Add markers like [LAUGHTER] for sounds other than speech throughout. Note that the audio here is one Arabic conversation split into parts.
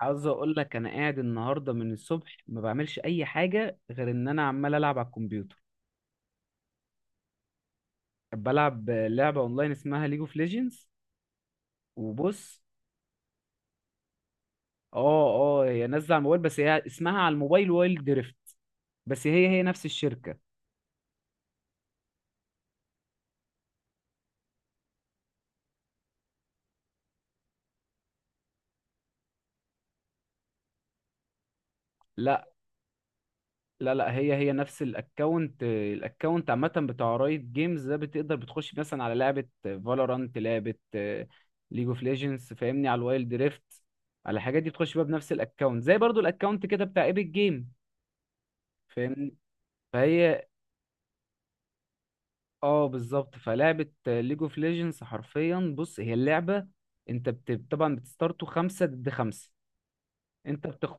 عاوز اقول لك انا قاعد النهارده من الصبح ما بعملش اي حاجه غير ان انا عمال العب على الكمبيوتر. بلعب لعبه اونلاين اسمها ليج اوف ليجندز. وبص. اه اه هي نازله على الموبايل، بس هي اسمها على الموبايل وايلد دريفت. بس هي نفس الشركه. لا، لا، لا، هي نفس الاكونت، الاكونت عامه بتاع رايت جيمز ده. بتقدر بتخش مثلا على لعبه فالورانت، لعبه ليج اوف ليجندز، فاهمني؟ على الوايلد دريفت، على الحاجات دي بتخش بقى بنفس الاكونت، زي برضو الاكونت كده بتاع ايبك جيم، فاهمني؟ فهي اه بالظبط. فلعبة ليج اوف ليجندز حرفيا، بص، هي اللعبة، انت طبعا بتستارتوا خمسة ضد خمسة. انت بتخ...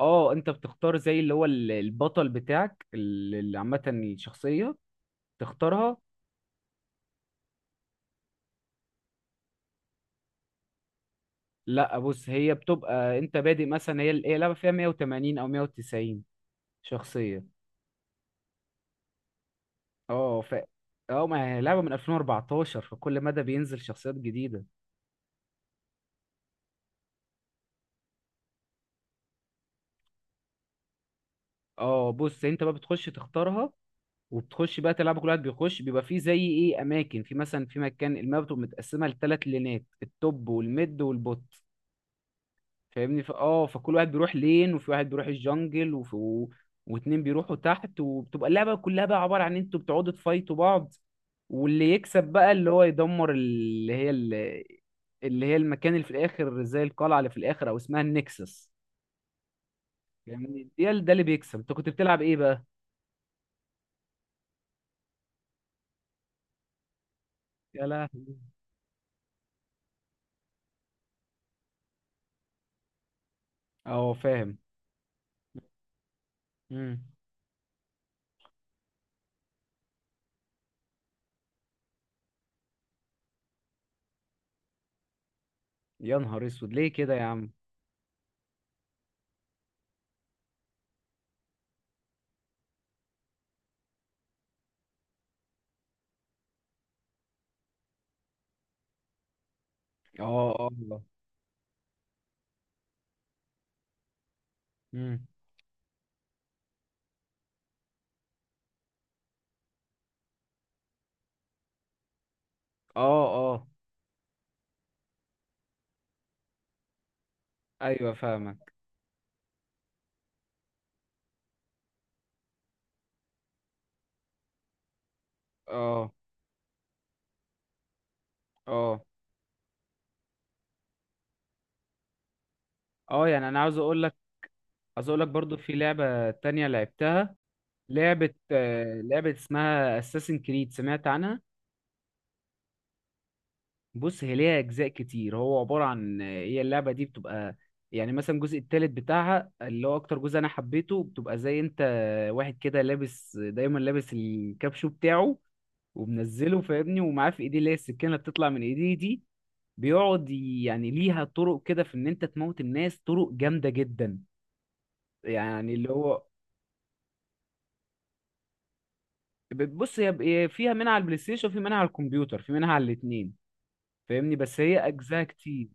اه انت بتختار زي اللي هو البطل بتاعك، اللي عامة الشخصية تختارها. لا، بص، هي بتبقى انت بادئ، مثلا هي لعبة فيها 180 او 190 شخصية. اه ف اه ما هي لعبة من 2014، فكل مدى بينزل شخصيات جديدة. اه، بص، انت بقى بتخش تختارها، وبتخش بقى تلعب. كل واحد بيخش بيبقى فيه زي ايه، اماكن، في مثلا في مكان الماب بتبقى متقسمه لثلاث لينات، التوب والميد والبوت، فاهمني؟ ف... اه فكل واحد بيروح لين، وفي واحد بيروح الجنجل، واتنين بيروحوا تحت. وبتبقى اللعبه كلها بقى عباره عن ان انتوا بتقعدوا تفايتوا بعض، واللي يكسب بقى اللي هو يدمر اللي هي المكان اللي في الاخر، زي القلعه اللي في الاخر، او اسمها النكسس، فاهمني؟ ده اللي بيكسب. انت كنت بتلعب ايه بقى؟ يا لهوي. اه، فاهم. مم. يا نهار اسود، ليه كده يا عم؟ اه. اه. امم. اه. اه. ايوه فاهمك. اه. اه. اه يعني انا عاوز اقول لك برضو، في لعبة تانية لعبتها، لعبة، لعبة اسمها اساسن كريد، سمعت عنها؟ بص، هي ليها اجزاء كتير، هو عبارة عن، هي اللعبة دي بتبقى، يعني مثلا الجزء التالت بتاعها، اللي هو اكتر جزء انا حبيته، بتبقى زي انت واحد كده لابس، دايما لابس الكابشو بتاعه ومنزله فاهمني، ومعاه في ايديه اللي هي السكينة اللي بتطلع من ايديه دي. بيقعد يعني ليها طرق كده في ان انت تموت الناس، طرق جامده جدا، يعني اللي هو. بص، هي فيها منها على البلاي ستيشن، وفي منها على الكمبيوتر، في منها على الاتنين، فاهمني؟ بس هي اجزاء كتير.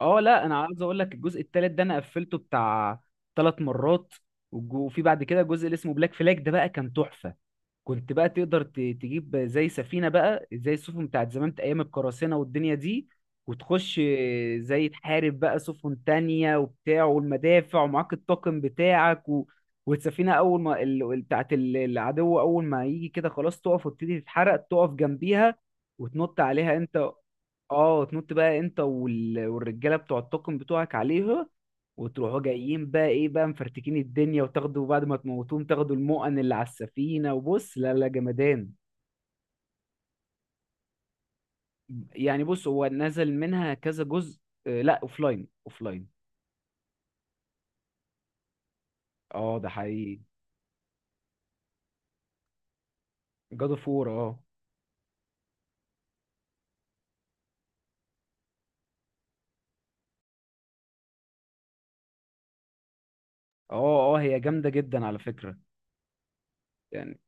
اه لا، انا عاوز اقول لك الجزء التالت ده انا قفلته بتاع ثلاث مرات. والج- وفي بعد كده جزء اللي اسمه بلاك فلاج، ده بقى كان تحفه. كنت بقى تقدر تجيب زي سفينة بقى، زي السفن بتاعت زمان أيام القراصنة والدنيا دي، وتخش زي تحارب بقى سفن تانية وبتاع، والمدافع ومعاك الطاقم بتاعك. والسفينة أول ما بتاعت العدو أول ما يجي كده، خلاص تقف وتبتدي تتحرق، تقف جنبيها وتنط عليها أنت. اه، تنط بقى أنت وال... والرجالة بتوع الطاقم بتوعك عليها، وتروحوا جايين بقى ايه بقى مفرتكين الدنيا، وتاخدوا بعد ما تموتوهم تاخدوا المؤن اللي على السفينة. وبص، لا لا، جمدان. يعني بص، هو نزل منها كذا جزء. لا، اوفلاين اوفلاين. اه ده حقيقي. جاد اوف وور، اه. اه، اه، هي جامدة جدا على فكرة، يعني.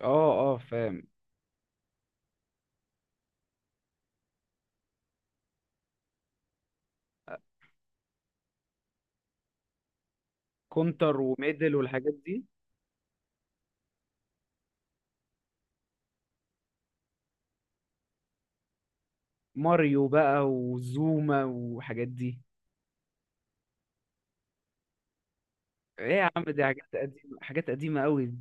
اه، اه فاهم. كونتر وميدل والحاجات دي. ماريو بقى وزوما والحاجات دي. ايه يا عم، دي حاجات قديمة، حاجات قديمة قوي.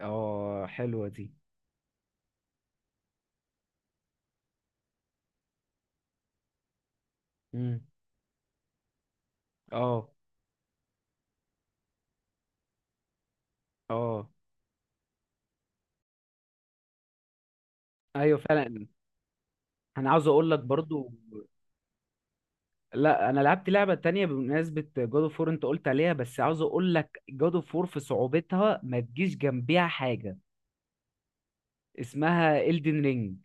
اه حلوة دي. مم. اه. اه ايوه فعلا. انا عاوز اقول لك برضو، لا انا لعبت لعبه تانية بمناسبه جود اوف وور انت قلت عليها، بس عاوز اقول لك جود اوف وور في صعوبتها ما تجيش جنبيها حاجه اسمها إلدن رينج.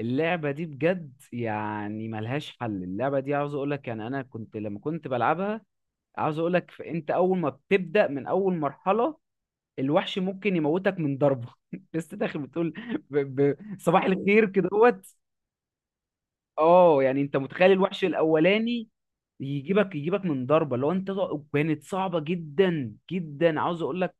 اللعبه دي بجد يعني ملهاش حل. اللعبه دي عاوز اقول لك، يعني انا كنت لما كنت بلعبها، عاوز اقول لك انت اول ما بتبدا من اول مرحله، الوحش ممكن يموتك من ضربه. [LAUGHS] لسه داخل بتقول ب... صباح الخير كده. اه، يعني انت متخيل، الوحش الاولاني يجيبك من ضربه لو انت كانت صعبه جدا جدا، عاوز اقول لك.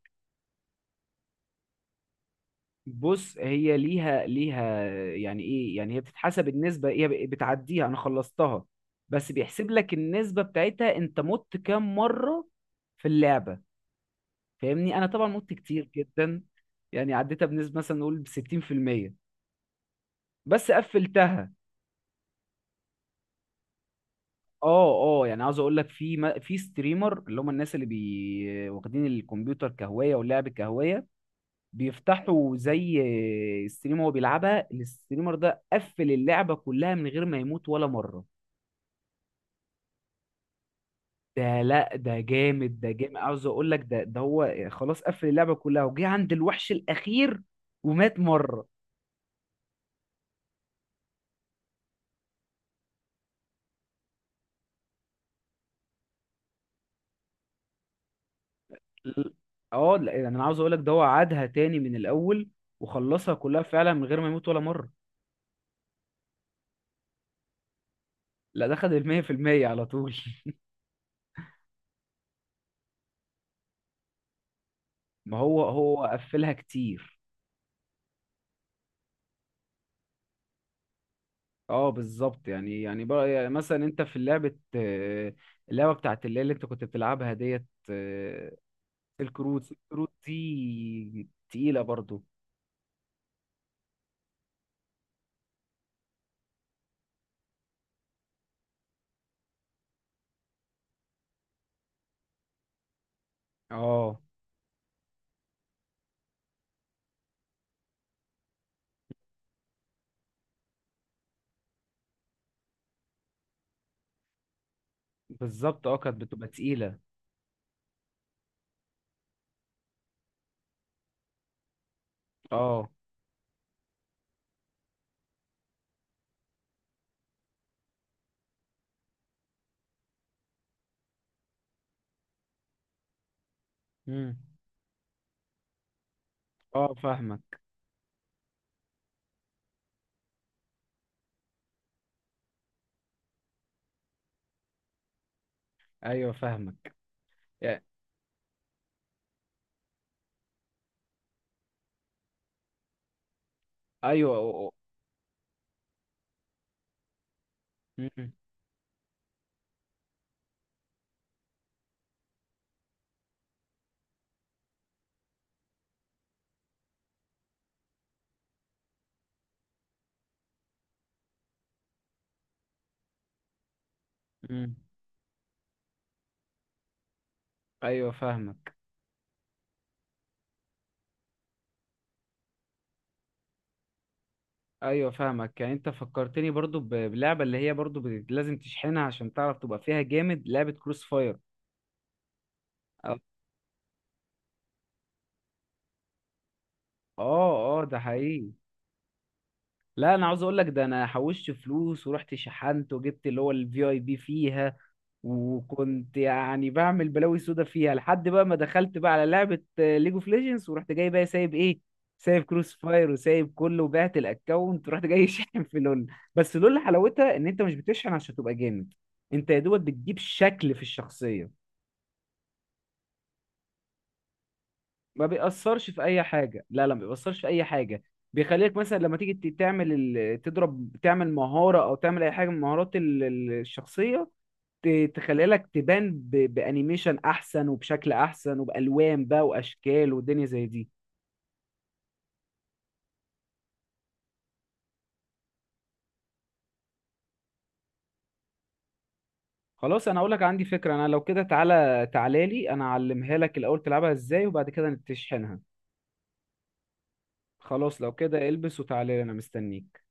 بص، هي ليها يعني ايه، يعني هي بتتحسب النسبه، بتعديها، انا خلصتها، بس بيحسب لك النسبه بتاعتها انت مت كام مره في اللعبه، فاهمني. انا طبعا مت كتير جدا، يعني عديتها بنسبه مثلا نقول ب 60%، بس قفلتها. اه، اه يعني عاوز اقول لك في في ستريمر، اللي هم الناس اللي بي واخدين الكمبيوتر كهوايه واللعب كهوايه، بيفتحوا زي ستريم، هو بيلعبها. الستريمر ده قفل اللعبه كلها من غير ما يموت ولا مره. ده لا، ده جامد، ده جامد، عاوز اقول لك. ده هو خلاص قفل اللعبه كلها وجه عند الوحش الاخير ومات مره. ال- اه لا، يعني انا عاوز اقول لك ده هو عادها تاني من الاول وخلصها كلها فعلا من غير ما يموت ولا مره. لا، ده خد المية في المية على طول. ما هو هو قفلها كتير. اه بالظبط. بقى يعني مثلا، انت في لعبة، اللعبة بتاعت اللي انت كنت بتلعبها ديت. سيلك رود، سيلك رود دي تقيلة برضو. اه بالظبط، اه كانت بتبقى تقيلة. اه. امم. اه فاهمك. ايوه فاهمك يعني. ايوه. امم. امم. ايوه فاهمك. ايوه فاهمك، يعني انت فكرتني برضو ب- بلعبة اللي هي برضو لازم تشحنها عشان تعرف تبقى فيها جامد، لعبة كروس فاير. اه، اه ده حقيقي. لا انا عاوز اقول لك، ده انا حوشت فلوس ورحت شحنت وجبت اللي هو الفي اي بي فيها، وكنت يعني بعمل بلاوي سودا فيها، لحد بقى ما دخلت بقى على لعبة ليج اوف ليجندز ورحت جاي بقى سايب ايه، سايب كروس فاير وسايب كله، وبعت الاكونت ورحت جاي [LAUGHS] شاحن في لول. بس لول حلاوتها ان انت مش بتشحن عشان تبقى جامد، انت يا دوبك بتجيب شكل في الشخصية. ما بيأثرش في اي حاجه، لا لا، ما بيأثرش في اي حاجه. بيخليك مثلا لما تيجي تعمل تضرب، تعمل مهاره او تعمل اي حاجه من مهارات الشخصيه، تخلي لك تبان ب... بانيميشن احسن وبشكل احسن وبالوان بقى واشكال ودنيا زي دي. خلاص، انا اقول لك عندي فكره، انا لو كده تعالى، تعالى لي، انا اعلمها لك الاول تلعبها ازاي، وبعد كده تشحنها. خلاص لو كده البس وتعالى لي، انا مستنيك.